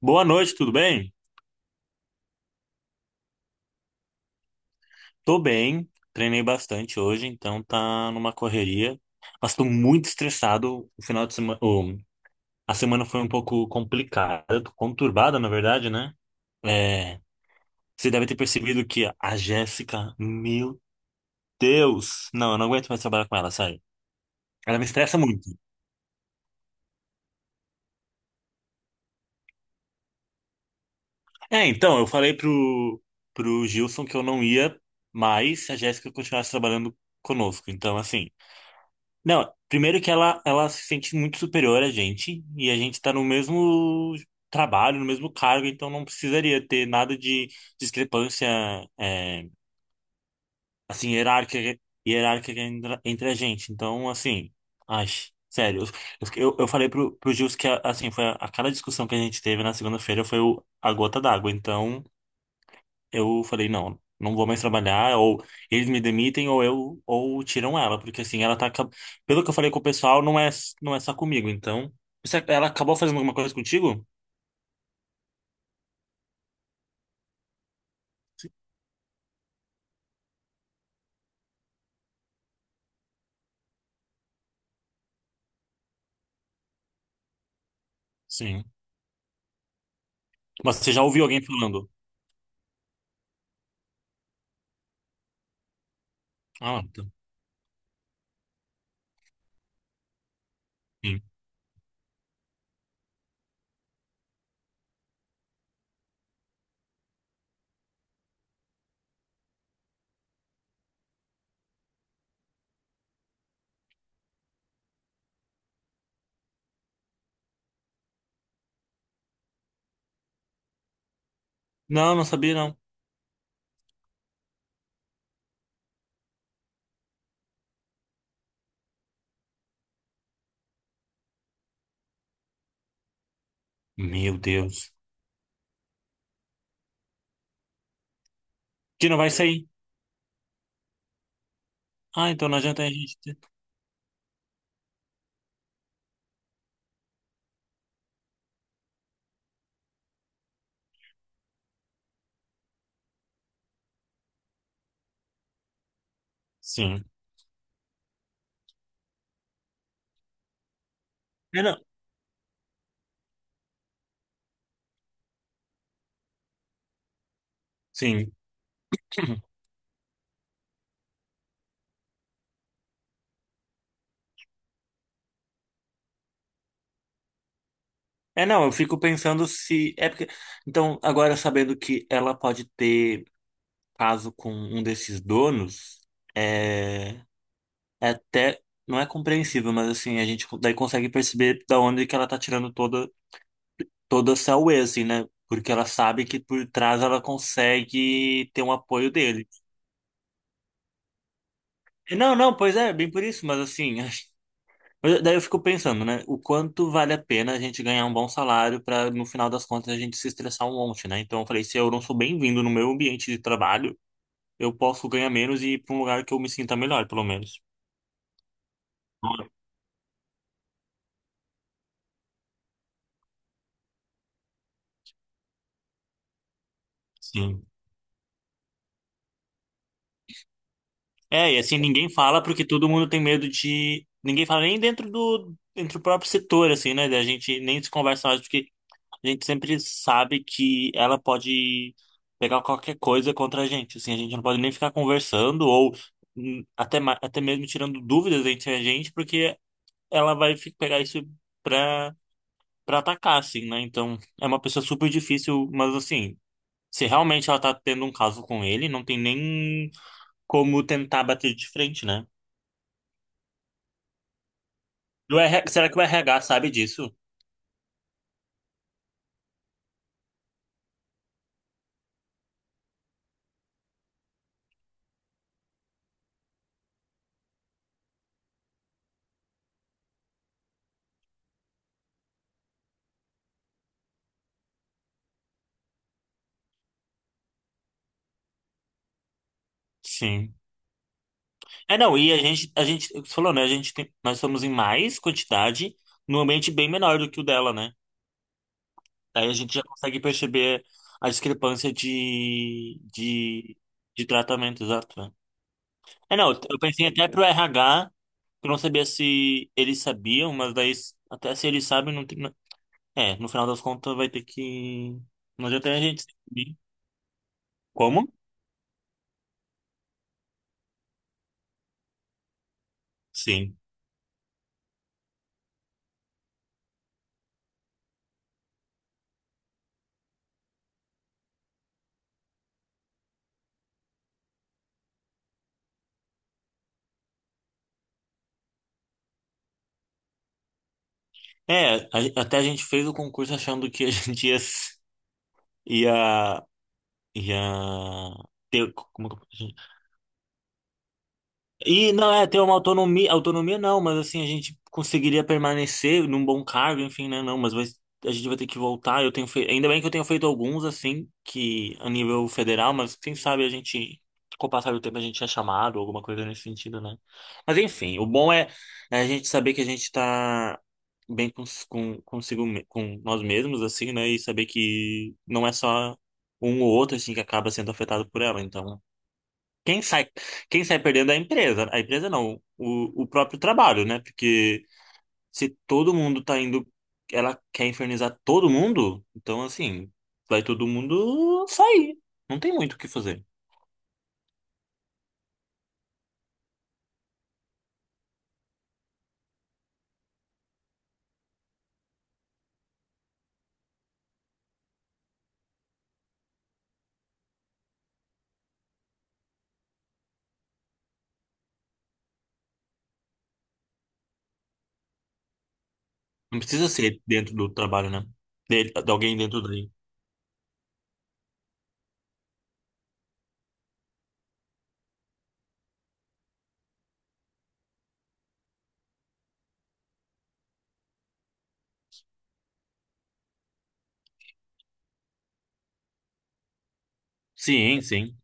Boa noite, tudo bem? Tô bem, treinei bastante hoje, então tá numa correria, mas tô muito estressado. O final de semana, a semana foi um pouco complicada, conturbada, na verdade, né? É, você deve ter percebido que a Jéssica, meu Deus, não, eu não aguento mais trabalhar com ela, sério. Ela me estressa muito. É, então, eu falei pro Gilson que eu não ia mais se a Jéssica continuasse trabalhando conosco, então assim. Não, primeiro que ela se sente muito superior a gente, e a gente tá no mesmo trabalho, no mesmo cargo, então não precisaria ter nada de discrepância, é, assim, hierárquica entre a gente. Então, assim, ai, sério, eu falei pro Gils que, assim, foi aquela discussão que a gente teve na segunda-feira foi a gota d'água, então eu falei, não, não vou mais trabalhar, ou eles me demitem, ou tiram ela, porque assim, ela tá, pelo que eu falei com o pessoal, não é só comigo, então, ela acabou fazendo alguma coisa contigo? Sim. Mas você já ouviu alguém falando? Ah, tá. Sim. Não, não sabia, não. Meu Deus. Que não vai sair. Ah, então não adianta a gente. Sim. É, não. Sim. É, não, eu fico pensando se. É porque. Então, agora sabendo que ela pode ter caso com um desses donos, é. É até não é compreensível, mas assim, a gente daí consegue perceber da onde que ela tá tirando toda essa whey, assim, né? Porque ela sabe que por trás ela consegue ter um apoio dele. E não, não, pois é, bem por isso, mas assim, mas daí eu fico pensando, né? O quanto vale a pena a gente ganhar um bom salário para no final das contas a gente se estressar um monte, né? Então eu falei, se eu não sou bem-vindo no meu ambiente de trabalho, eu posso ganhar menos e ir para um lugar que eu me sinta melhor, pelo menos. Sim. É, e assim ninguém fala porque todo mundo tem medo de. Ninguém fala nem dentro do, próprio setor, assim, né? A gente nem se conversa mais porque a gente sempre sabe que ela pode pegar qualquer coisa contra a gente. Assim, a gente não pode nem ficar conversando ou até, até mesmo tirando dúvidas entre a gente, porque ela vai pegar isso pra, pra atacar, assim, né? Então é uma pessoa super difícil, mas assim, se realmente ela tá tendo um caso com ele, não tem nem como tentar bater de frente, né? Do RH, será que o RH sabe disso? Sim. É, não, e a gente, você falou, né? A gente tem, nós somos em mais quantidade, num ambiente bem menor do que o dela, né? Daí a gente já consegue perceber a discrepância de tratamento, exato. Né? É, não, eu pensei até pro RH, que eu não sabia se eles sabiam, mas daí, até se eles sabem, não tem. É, no final das contas vai ter que. Não adianta a gente. Saber. Como? Sim. É, até a gente fez o concurso achando que a gente ia, ia ter, E não é ter uma autonomia, autonomia não, mas assim a gente conseguiria permanecer num bom cargo, enfim, né? Não, mas a gente vai ter que voltar. Eu tenho feito, ainda bem que eu tenho feito alguns assim que a nível federal, mas quem sabe a gente com o passar do tempo a gente é chamado, alguma coisa nesse sentido, né? Mas enfim, o bom é, a gente saber que a gente tá bem com nós mesmos assim, né? E saber que não é só um ou outro assim que acaba sendo afetado por ela, então quem sai, quem sai perdendo é a empresa. A empresa não, o próprio trabalho, né? Porque se todo mundo tá indo, ela quer infernizar todo mundo, então assim, vai todo mundo sair. Não tem muito o que fazer. Não precisa ser dentro do trabalho, né? De alguém dentro daí. Sim, sim.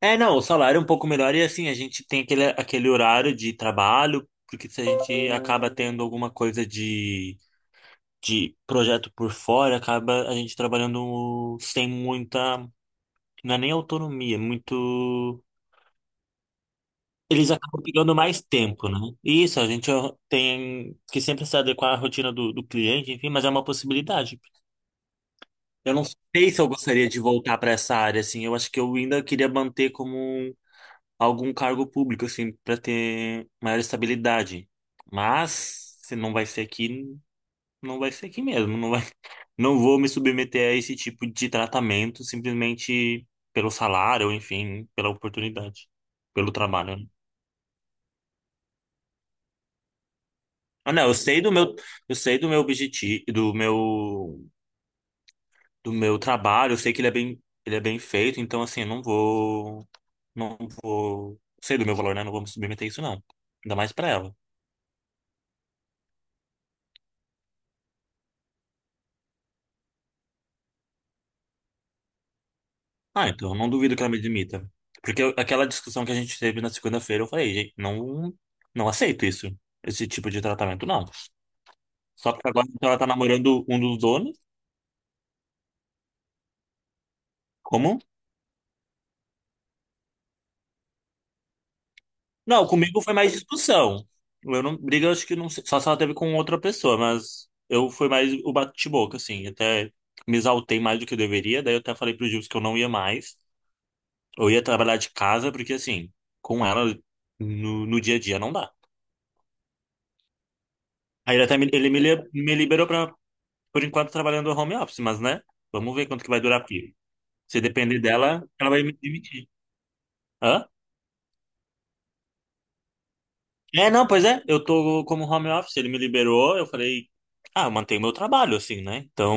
É, não, o salário é um pouco melhor e assim, a gente tem aquele, horário de trabalho, porque se a gente acaba tendo alguma coisa de projeto por fora, acaba a gente trabalhando sem muita, não é nem autonomia, é muito. Eles acabam pegando mais tempo, né? E isso, a gente tem que sempre se adequar à rotina do cliente, enfim, mas é uma possibilidade. Eu não sei se eu gostaria de voltar para essa área, assim, eu acho que eu ainda queria manter como algum cargo público, assim, para ter maior estabilidade. Mas, se não vai ser aqui, não vai ser aqui mesmo, não vou me submeter a esse tipo de tratamento simplesmente pelo salário, enfim, pela oportunidade, pelo trabalho. Né? Ah, não, eu sei do meu, objetivo, do meu trabalho, eu sei que ele é bem feito, então assim, eu não vou, não sei do meu valor, né? Não vou me submeter a isso não. Ainda mais pra ela. Ah, então eu não duvido que ela me demita. Porque aquela discussão que a gente teve na segunda-feira, eu falei, gente, não, não aceito isso, esse tipo de tratamento, não. Só porque agora então, ela tá namorando um dos donos? Como? Não, comigo foi mais discussão. Eu não, briga, eu acho que não sei, só se ela teve com outra pessoa, mas eu fui mais o bate-boca, assim. Até me exaltei mais do que eu deveria, daí eu até falei pro Gil que eu não ia mais. Eu ia trabalhar de casa, porque assim, com ela no dia a dia não dá. Aí ele até me, ele me, li- me liberou pra, por enquanto, trabalhando home office, mas né? Vamos ver quanto que vai durar a pira. Se depender dela, ela vai me demitir. Hã? É, não, pois é, eu tô como home office, ele me liberou, eu falei, ah, eu mantenho meu trabalho, assim, né? Então,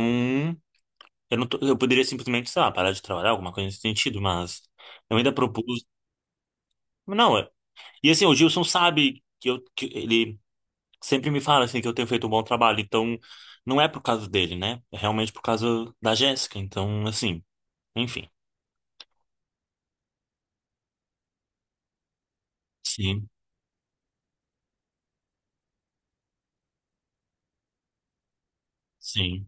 eu não eu poderia simplesmente, sei lá, parar de trabalhar, alguma coisa nesse sentido, mas eu ainda propus, não, e assim, o Gilson sabe que que ele sempre me fala, assim, que eu tenho feito um bom trabalho, então, não é por causa dele, né? É realmente por causa da Jéssica, então, assim, enfim, sim, sim.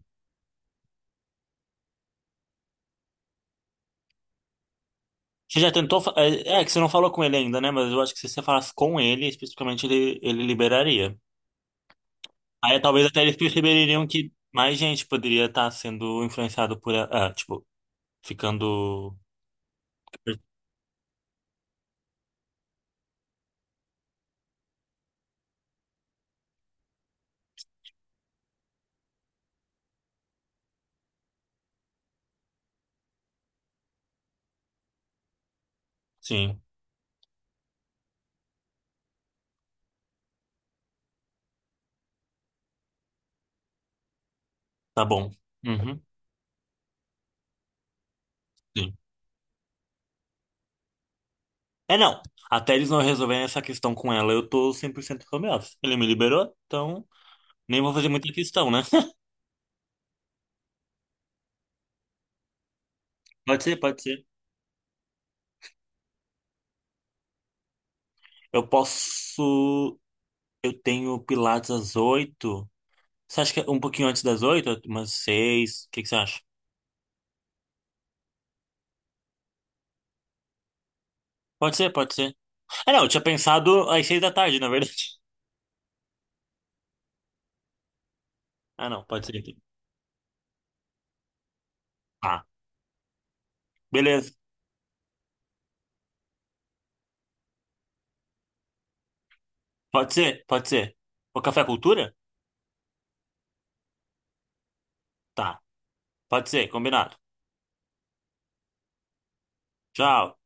Você já tentou, é, que você não falou com ele ainda, né? Mas eu acho que se você falasse com ele, especificamente, ele liberaria. Aí talvez até eles perceberiam que mais gente poderia estar sendo influenciado por. Ah, tipo, ficando. Sim, tá bom. Uhum, sim. É, não. Até eles não resolverem essa questão com ela, eu tô 100% home office. Ele me liberou, então nem vou fazer muita questão, né? Pode ser, pode ser. Eu posso. Eu tenho Pilates às 8. Você acha que é um pouquinho antes das 8? Umas 6? O que que você acha? Pode ser, pode ser. Ah, não, eu tinha pensado às 6 da tarde, na verdade. Ah, não, pode ser então. Beleza. Pode ser? Pode ser. O Café Cultura? Tá. Pode ser, combinado. Tchau.